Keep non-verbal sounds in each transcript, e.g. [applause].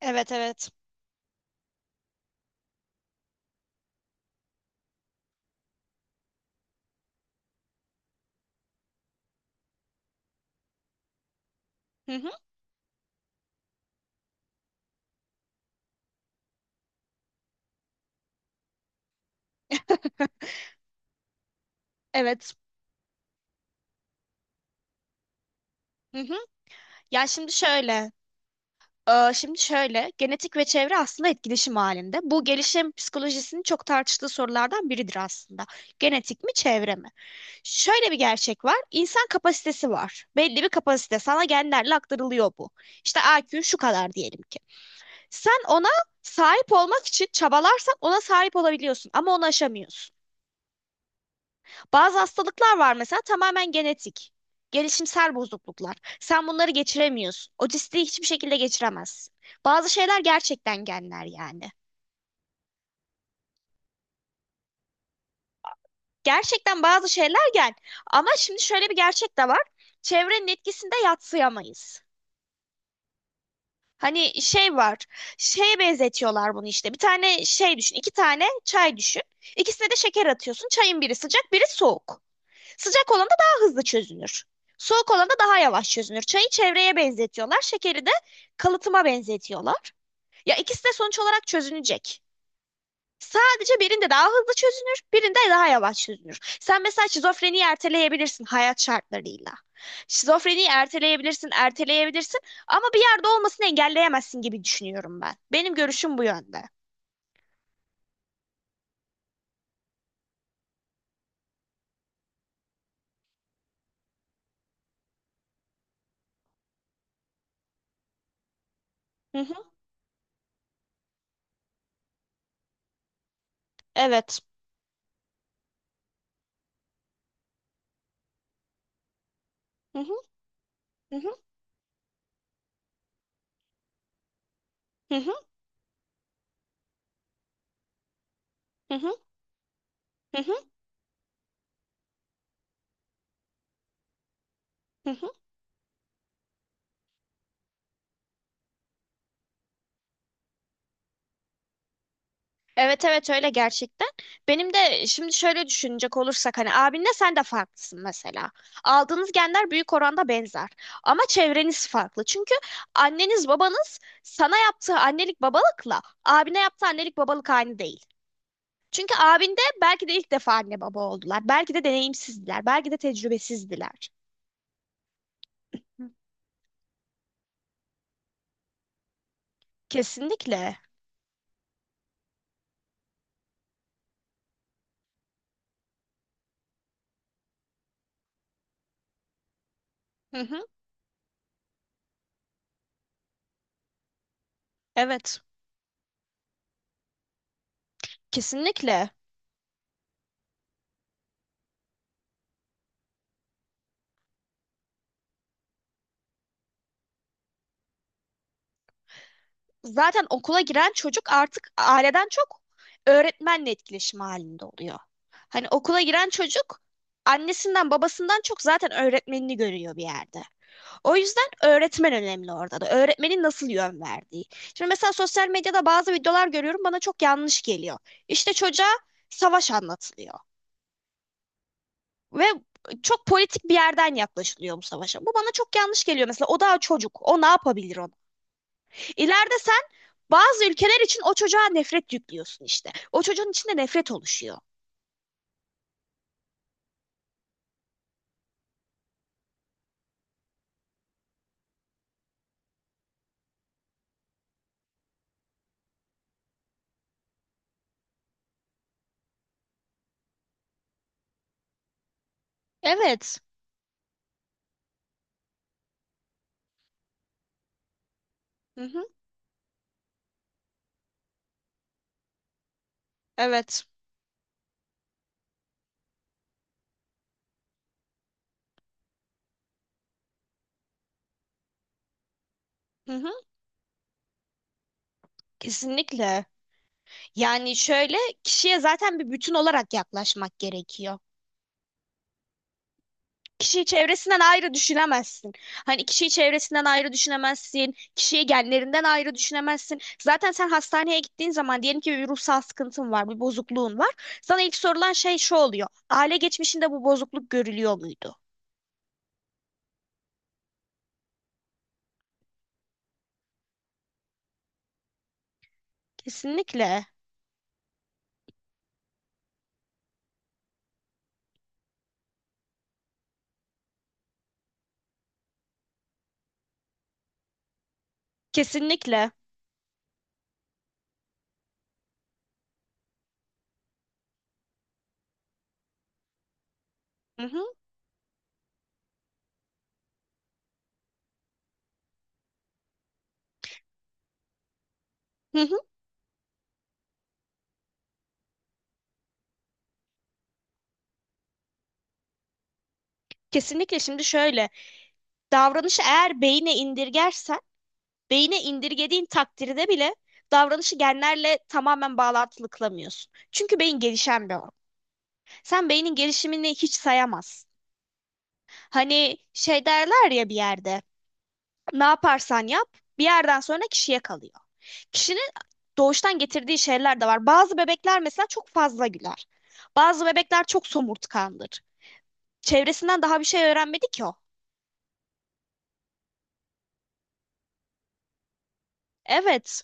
Evet evet. Hı hı. Evet. Hı hı. Ya şimdi şöyle. Şimdi şöyle, genetik ve çevre aslında etkileşim halinde. Bu gelişim psikolojisinin çok tartıştığı sorulardan biridir aslında. Genetik mi, çevre mi? Şöyle bir gerçek var. İnsan kapasitesi var. Belli bir kapasite. Sana genlerle aktarılıyor bu. İşte IQ şu kadar diyelim ki. Sen ona sahip olmak için çabalarsan ona sahip olabiliyorsun ama onu aşamıyorsun. Bazı hastalıklar var mesela tamamen genetik. Gelişimsel bozukluklar. Sen bunları geçiremiyorsun. Otistiği hiçbir şekilde geçiremezsin. Bazı şeyler gerçekten genler yani. Gerçekten bazı şeyler gen. Ama şimdi şöyle bir gerçek de var. Çevrenin etkisinde yadsıyamayız. Hani şey var. Şeye benzetiyorlar bunu işte. Bir tane şey düşün. İki tane çay düşün. İkisine de şeker atıyorsun. Çayın biri sıcak, biri soğuk. Sıcak olan da daha hızlı çözünür. Soğuk olan da daha yavaş çözünür. Çayı çevreye benzetiyorlar, şekeri de kalıtıma benzetiyorlar. Ya ikisi de sonuç olarak çözünecek. Sadece birinde daha hızlı çözünür, birinde daha yavaş çözünür. Sen mesela şizofreniyi erteleyebilirsin hayat şartlarıyla. Şizofreniyi erteleyebilirsin, erteleyebilirsin ama bir yerde olmasını engelleyemezsin gibi düşünüyorum ben. Benim görüşüm bu yönde. Hı hı, evet. Hı hı, hı hı, hı hı, hı hı, hı hı, hı hı. Evet evet öyle gerçekten. Benim de şimdi şöyle düşünecek olursak hani abinle sen de farklısın mesela. Aldığınız genler büyük oranda benzer. Ama çevreniz farklı. Çünkü anneniz babanız sana yaptığı annelik babalıkla abine yaptığı annelik babalık aynı değil. Çünkü abinde belki de ilk defa anne baba oldular. Belki de deneyimsizdiler. Belki de tecrübesizdiler. Kesinlikle. Hı hı. Evet. Kesinlikle. Zaten okula giren çocuk artık aileden çok öğretmenle etkileşim halinde oluyor. Hani okula giren çocuk annesinden babasından çok zaten öğretmenini görüyor bir yerde. O yüzden öğretmen önemli orada da. Öğretmenin nasıl yön verdiği. Şimdi mesela sosyal medyada bazı videolar görüyorum bana çok yanlış geliyor. İşte çocuğa savaş anlatılıyor ve çok politik bir yerden yaklaşılıyor bu savaşa. Bu bana çok yanlış geliyor mesela. O daha çocuk. O ne yapabilir onu? İleride sen Bazı ülkeler için o çocuğa nefret yüklüyorsun işte. O çocuğun içinde nefret oluşuyor. Evet. Hı hı. Evet. Hı hı. Kesinlikle. Yani şöyle kişiye zaten bir bütün olarak yaklaşmak gerekiyor. Kişiyi çevresinden ayrı düşünemezsin. Hani kişiyi çevresinden ayrı düşünemezsin. Kişiyi genlerinden ayrı düşünemezsin. Zaten sen hastaneye gittiğin zaman diyelim ki bir ruhsal sıkıntın var, bir bozukluğun var. Sana ilk sorulan şey şu oluyor. Aile geçmişinde bu bozukluk görülüyor muydu? Kesinlikle. Kesinlikle. Hı hı. Hı hı. Kesinlikle. Şimdi şöyle. Davranışı eğer beyine indirgersen, beyine indirgediğin takdirde bile davranışı genlerle tamamen bağlantılı kılamıyorsun. Çünkü beyin gelişen bir organ. Sen beynin gelişimini hiç sayamaz. Hani şey derler ya bir yerde, ne yaparsan yap, bir yerden sonra kişiye kalıyor. Kişinin doğuştan getirdiği şeyler de var. Bazı bebekler mesela çok fazla güler. Bazı bebekler çok somurtkandır. Çevresinden daha bir şey öğrenmedi ki o. Evet,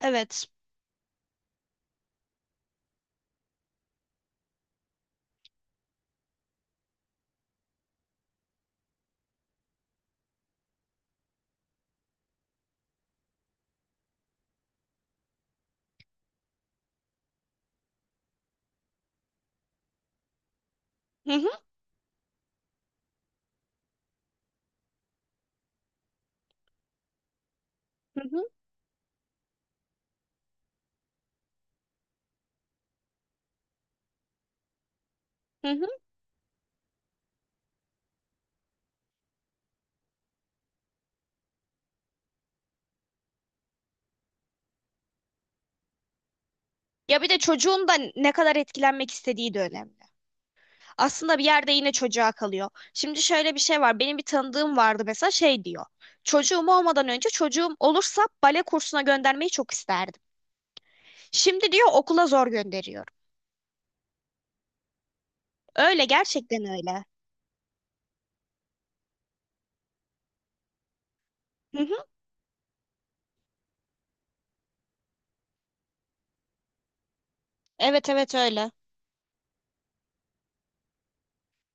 evet. Hı hı, hı hı, hı hı. Ya bir de çocuğun da ne kadar etkilenmek istediği de önemli. Aslında bir yerde yine çocuğa kalıyor. Şimdi şöyle bir şey var. Benim bir tanıdığım vardı mesela şey diyor. Çocuğum olmadan önce çocuğum olursa bale kursuna göndermeyi çok isterdim. Şimdi diyor okula zor gönderiyorum. Öyle gerçekten öyle. Hı hı. Evet evet öyle.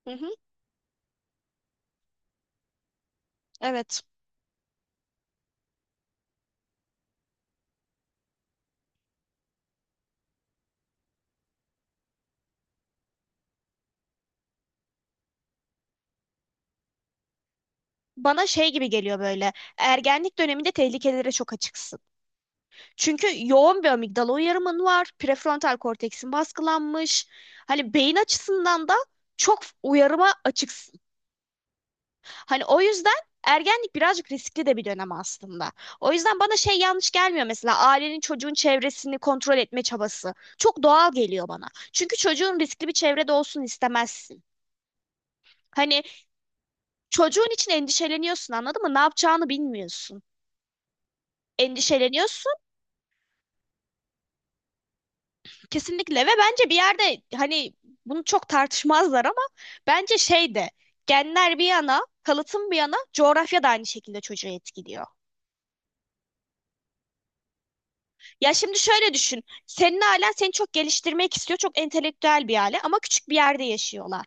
Hı hı. Evet. Bana şey gibi geliyor böyle. Ergenlik döneminde tehlikelere çok açıksın. Çünkü yoğun bir amigdala uyarımın var. Prefrontal korteksin baskılanmış. Hani beyin açısından da çok uyarıma açık. Hani o yüzden ergenlik birazcık riskli de bir dönem aslında. O yüzden bana şey yanlış gelmiyor mesela ailenin çocuğun çevresini kontrol etme çabası. Çok doğal geliyor bana. Çünkü çocuğun riskli bir çevrede olsun istemezsin. Hani çocuğun için endişeleniyorsun anladın mı? Ne yapacağını bilmiyorsun. Endişeleniyorsun kesinlikle ve bence bir yerde hani bunu çok tartışmazlar ama bence şey de genler bir yana, kalıtım bir yana coğrafya da aynı şekilde çocuğu etkiliyor. Ya şimdi şöyle düşün. Senin ailen seni çok geliştirmek istiyor. Çok entelektüel bir aile ama küçük bir yerde yaşıyorlar.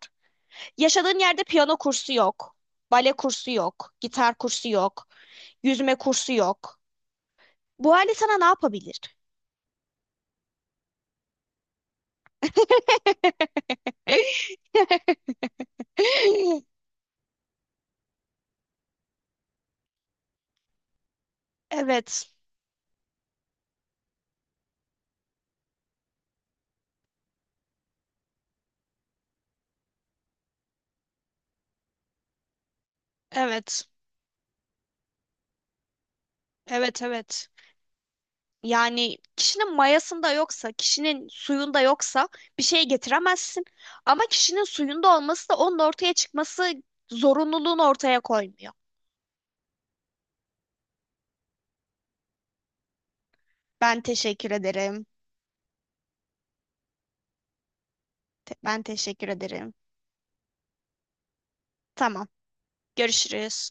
Yaşadığın yerde piyano kursu yok. Bale kursu yok. Gitar kursu yok. Yüzme kursu yok. Bu aile sana ne yapabilir? [laughs] Evet, evet, evet, evet. Yani kişinin mayasında yoksa, kişinin suyunda yoksa bir şey getiremezsin. Ama kişinin suyunda olması da onun ortaya çıkması zorunluluğunu ortaya koymuyor. Ben teşekkür ederim. Ben teşekkür ederim. Tamam. Görüşürüz.